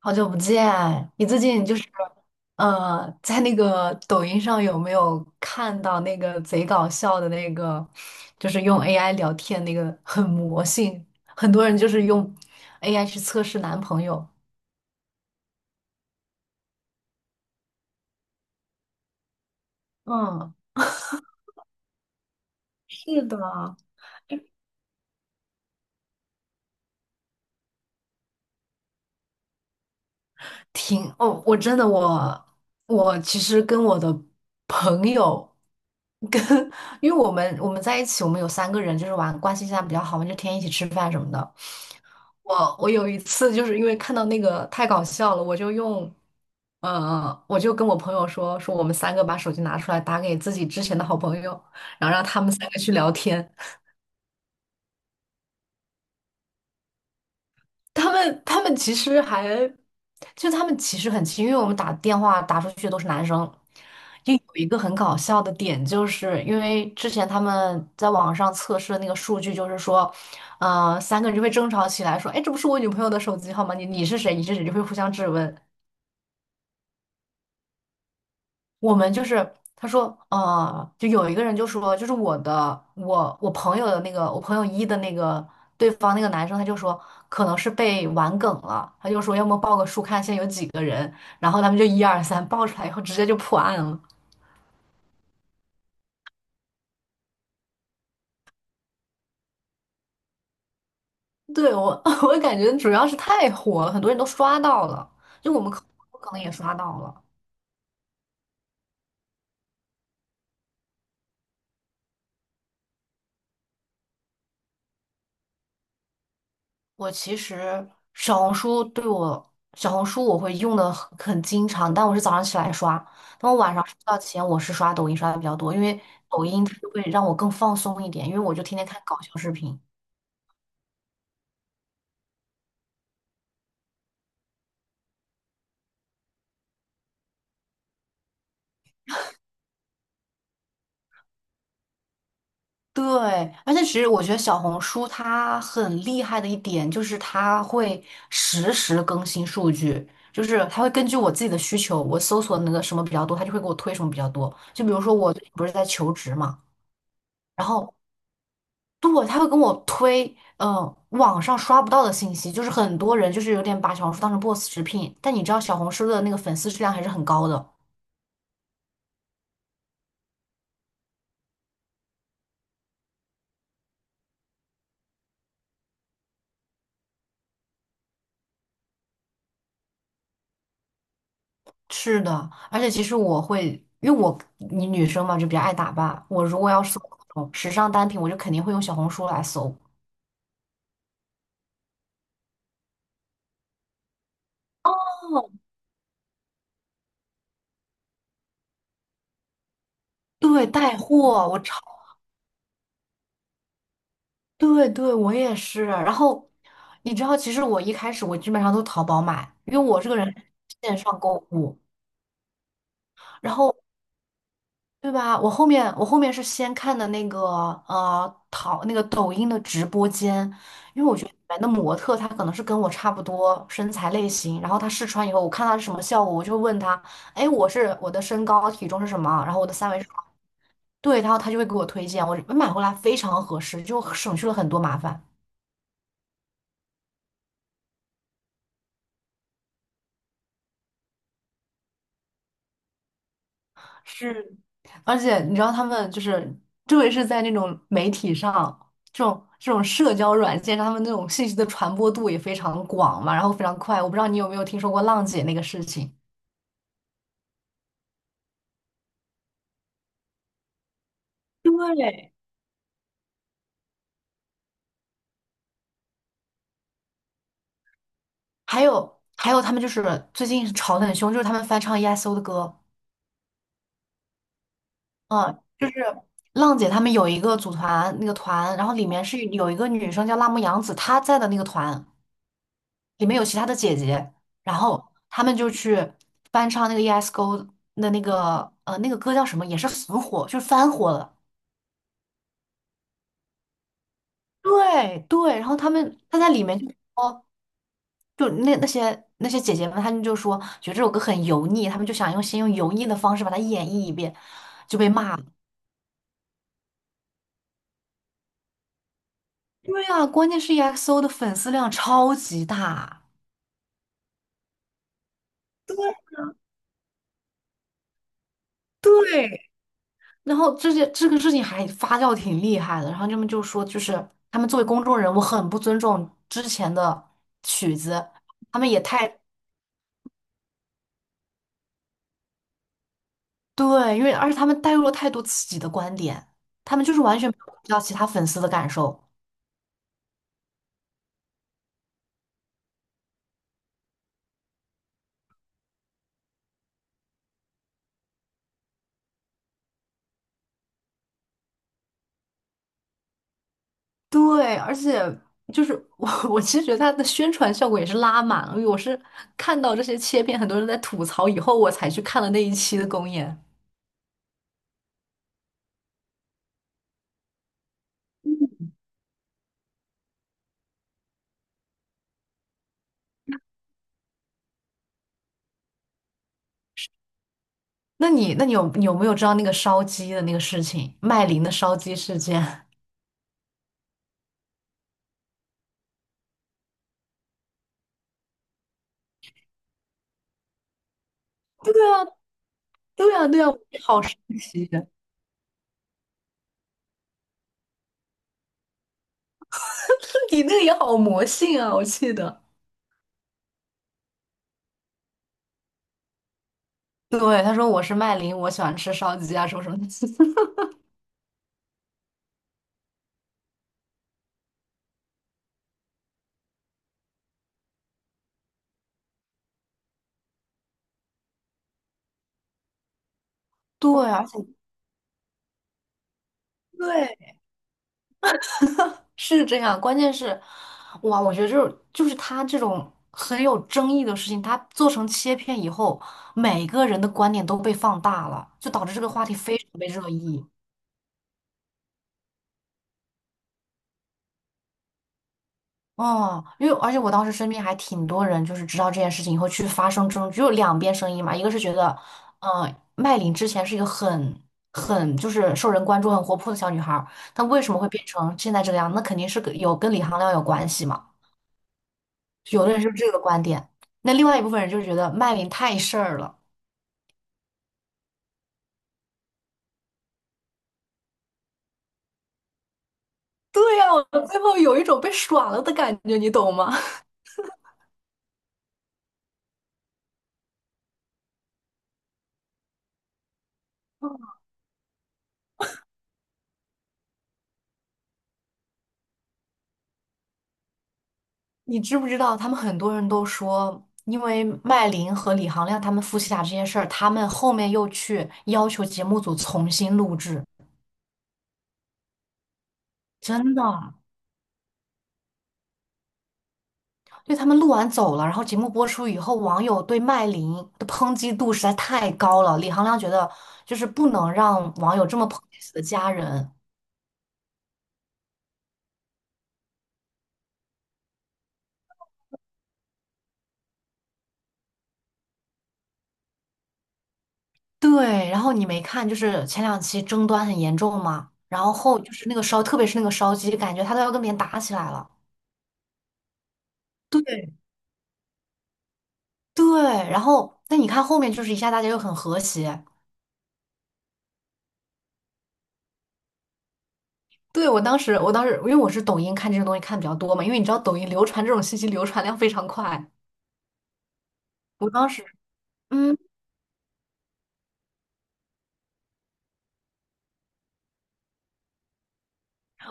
好久不见，你最近就是在那个抖音上有没有看到那个贼搞笑的那个，就是用 AI 聊天那个很魔性，很多人就是用 AI 去测试男朋友。嗯，是的，哦，我真的我其实跟我的朋友跟，因为我们在一起，我们有三个人就是玩关系现在比较好嘛，就天天一起吃饭什么的。我有一次就是因为看到那个太搞笑了，我就跟我朋友说说我们三个把手机拿出来打给自己之前的好朋友，然后让他们三个去聊天。他们其实就他们其实很亲，因为我们打电话打出去的都是男生。就有一个很搞笑的点，就是因为之前他们在网上测试的那个数据，就是说，三个人就会争吵起来，说，哎，这不是我女朋友的手机号吗？你是谁？你是谁？就会互相质问。我们就是他说，就有一个人就说，我朋友的那个，我朋友一的那个对方那个男生，他就说可能是被玩梗了，他就说要么报个数看现在有几个人，然后他们就一二三报出来以后直接就破案了。对，我 我感觉主要是太火了，很多人都刷到了，就我可能也刷到了。我其实小红书我会用的很经常，但我是早上起来刷，那我晚上睡觉前我是刷抖音刷的比较多，因为抖音它就会让我更放松一点，因为我就天天看搞笑视频。对，而且其实我觉得小红书它很厉害的一点就是它会实时更新数据，就是它会根据我自己的需求，我搜索那个什么比较多，它就会给我推什么比较多。就比如说我最近不是在求职嘛，然后对，他会跟我推，嗯，网上刷不到的信息，就是很多人就是有点把小红书当成 BOSS 直聘，但你知道小红书的那个粉丝质量还是很高的。是的，而且其实我会，因为我你女生嘛就比较爱打扮，我如果要搜那种时尚单品，我就肯定会用小红书来搜。哦，对，带货，我超，对对，我也是。然后你知道，其实我一开始我基本上都淘宝买，因为我这个人线上购物，然后对吧？我后面我后面是先看的那个那个抖音的直播间，因为我觉得里面的模特她可能是跟我差不多身材类型，然后她试穿以后，我看她是什么效果，我就会问她，哎，我的身高体重是什么，然后我的三围是什么，对，然后她就会给我推荐，我买回来非常合适，就省去了很多麻烦。是，而且你知道他们就是，特别是在那种媒体上，这种社交软件上，他们那种信息的传播度也非常广嘛，然后非常快。我不知道你有没有听说过浪姐那个事情，对，还有还有他们就是最近吵得很凶，就是他们翻唱 EXO 的歌，嗯，就是浪姐他们有一个组团那个团，然后里面是有一个女生叫辣目洋子，她在的那个团。里面有其他的姐姐，然后他们就去翻唱那个 ESGO 的那个那个歌叫什么，也是很火，就是翻火了。对对，然后他在里面就说，就那些姐姐们，他们就说觉得这首歌很油腻，他们就想先用油腻的方式把它演绎一遍，就被骂了。对啊，关键是 EXO 的粉丝量超级大。然后这些这个事情还发酵挺厉害的，然后他们就说，就是他们作为公众人物很不尊重之前的曲子，他们也太对，因为而且他们带入了太多自己的观点，他们就是完全不有顾及到其他粉丝的感受。对，而且就是我，我其实觉得他的宣传效果也是拉满了。因为我是看到这些切片，很多人在吐槽以后，我才去看了那一期的公演。那你有没有知道那个烧鸡的那个事情，麦琳的烧鸡事件？对啊，对呀对呀，好神奇，你那个也好魔性啊，我记得。对，他说我是麦琳，我喜欢吃烧鸡啊，什么什么的。对，而且对，是这样。关键是，哇，我觉得就是他这种很有争议的事情，他做成切片以后，每个人的观点都被放大了，就导致这个话题非常被热议。哦，因为而且我当时身边还挺多人，就是知道这件事情以后去发生争执，只有两边声音嘛，一个是觉得，嗯、麦琳之前是一个很就是受人关注、很活泼的小女孩儿，但为什么会变成现在这个样子那肯定是跟有跟李行亮有关系嘛。有的人是这个观点，那另外一部分人就是觉得麦琳太事儿了。对呀、我最后有一种被耍了的感觉，你懂吗？你知不知道，他们很多人都说，因为麦琳和李行亮他们夫妻俩这件事儿，他们后面又去要求节目组重新录制，真的，对他们录完走了，然后节目播出以后，网友对麦琳的抨击度实在太高了，李行亮觉得就是不能让网友这么抨击自己的家人。对，然后你没看，就是前两期争端很严重嘛，然后后就是那个烧，特别是那个烧鸡，感觉他都要跟别人打起来了。对对，然后但你看后面就是一下大家又很和谐。对，我当时因为我是抖音看这种东西看的比较多嘛，因为你知道抖音流传这种信息流传量非常快。我当时，嗯，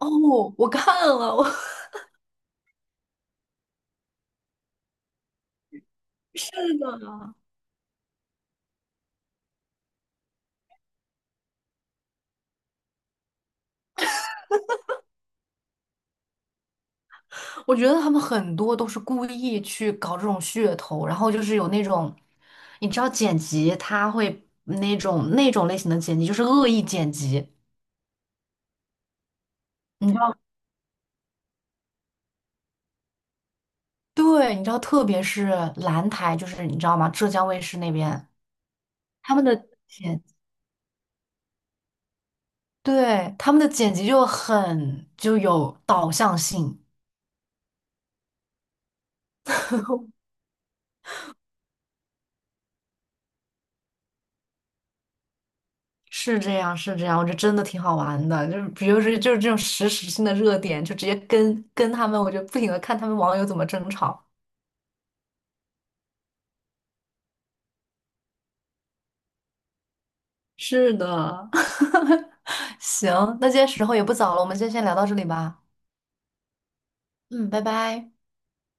哦，我看了，我 是的，我觉得他们很多都是故意去搞这种噱头，然后就是有那种，你知道剪辑他会那种类型的剪辑就是恶意剪辑，你知道？对，你知道，特别是蓝台，就是你知道吗？浙江卫视那边他们的。剪。对，他们的剪辑就很就有导向性，是这样，是这样，我觉得真的挺好玩的。就是比如说，就是这种实时性的热点，就直接跟他们，我就不停的看他们网友怎么争吵。是的，行，那今天时候也不早了，我们今天先聊到这里吧。嗯，拜拜。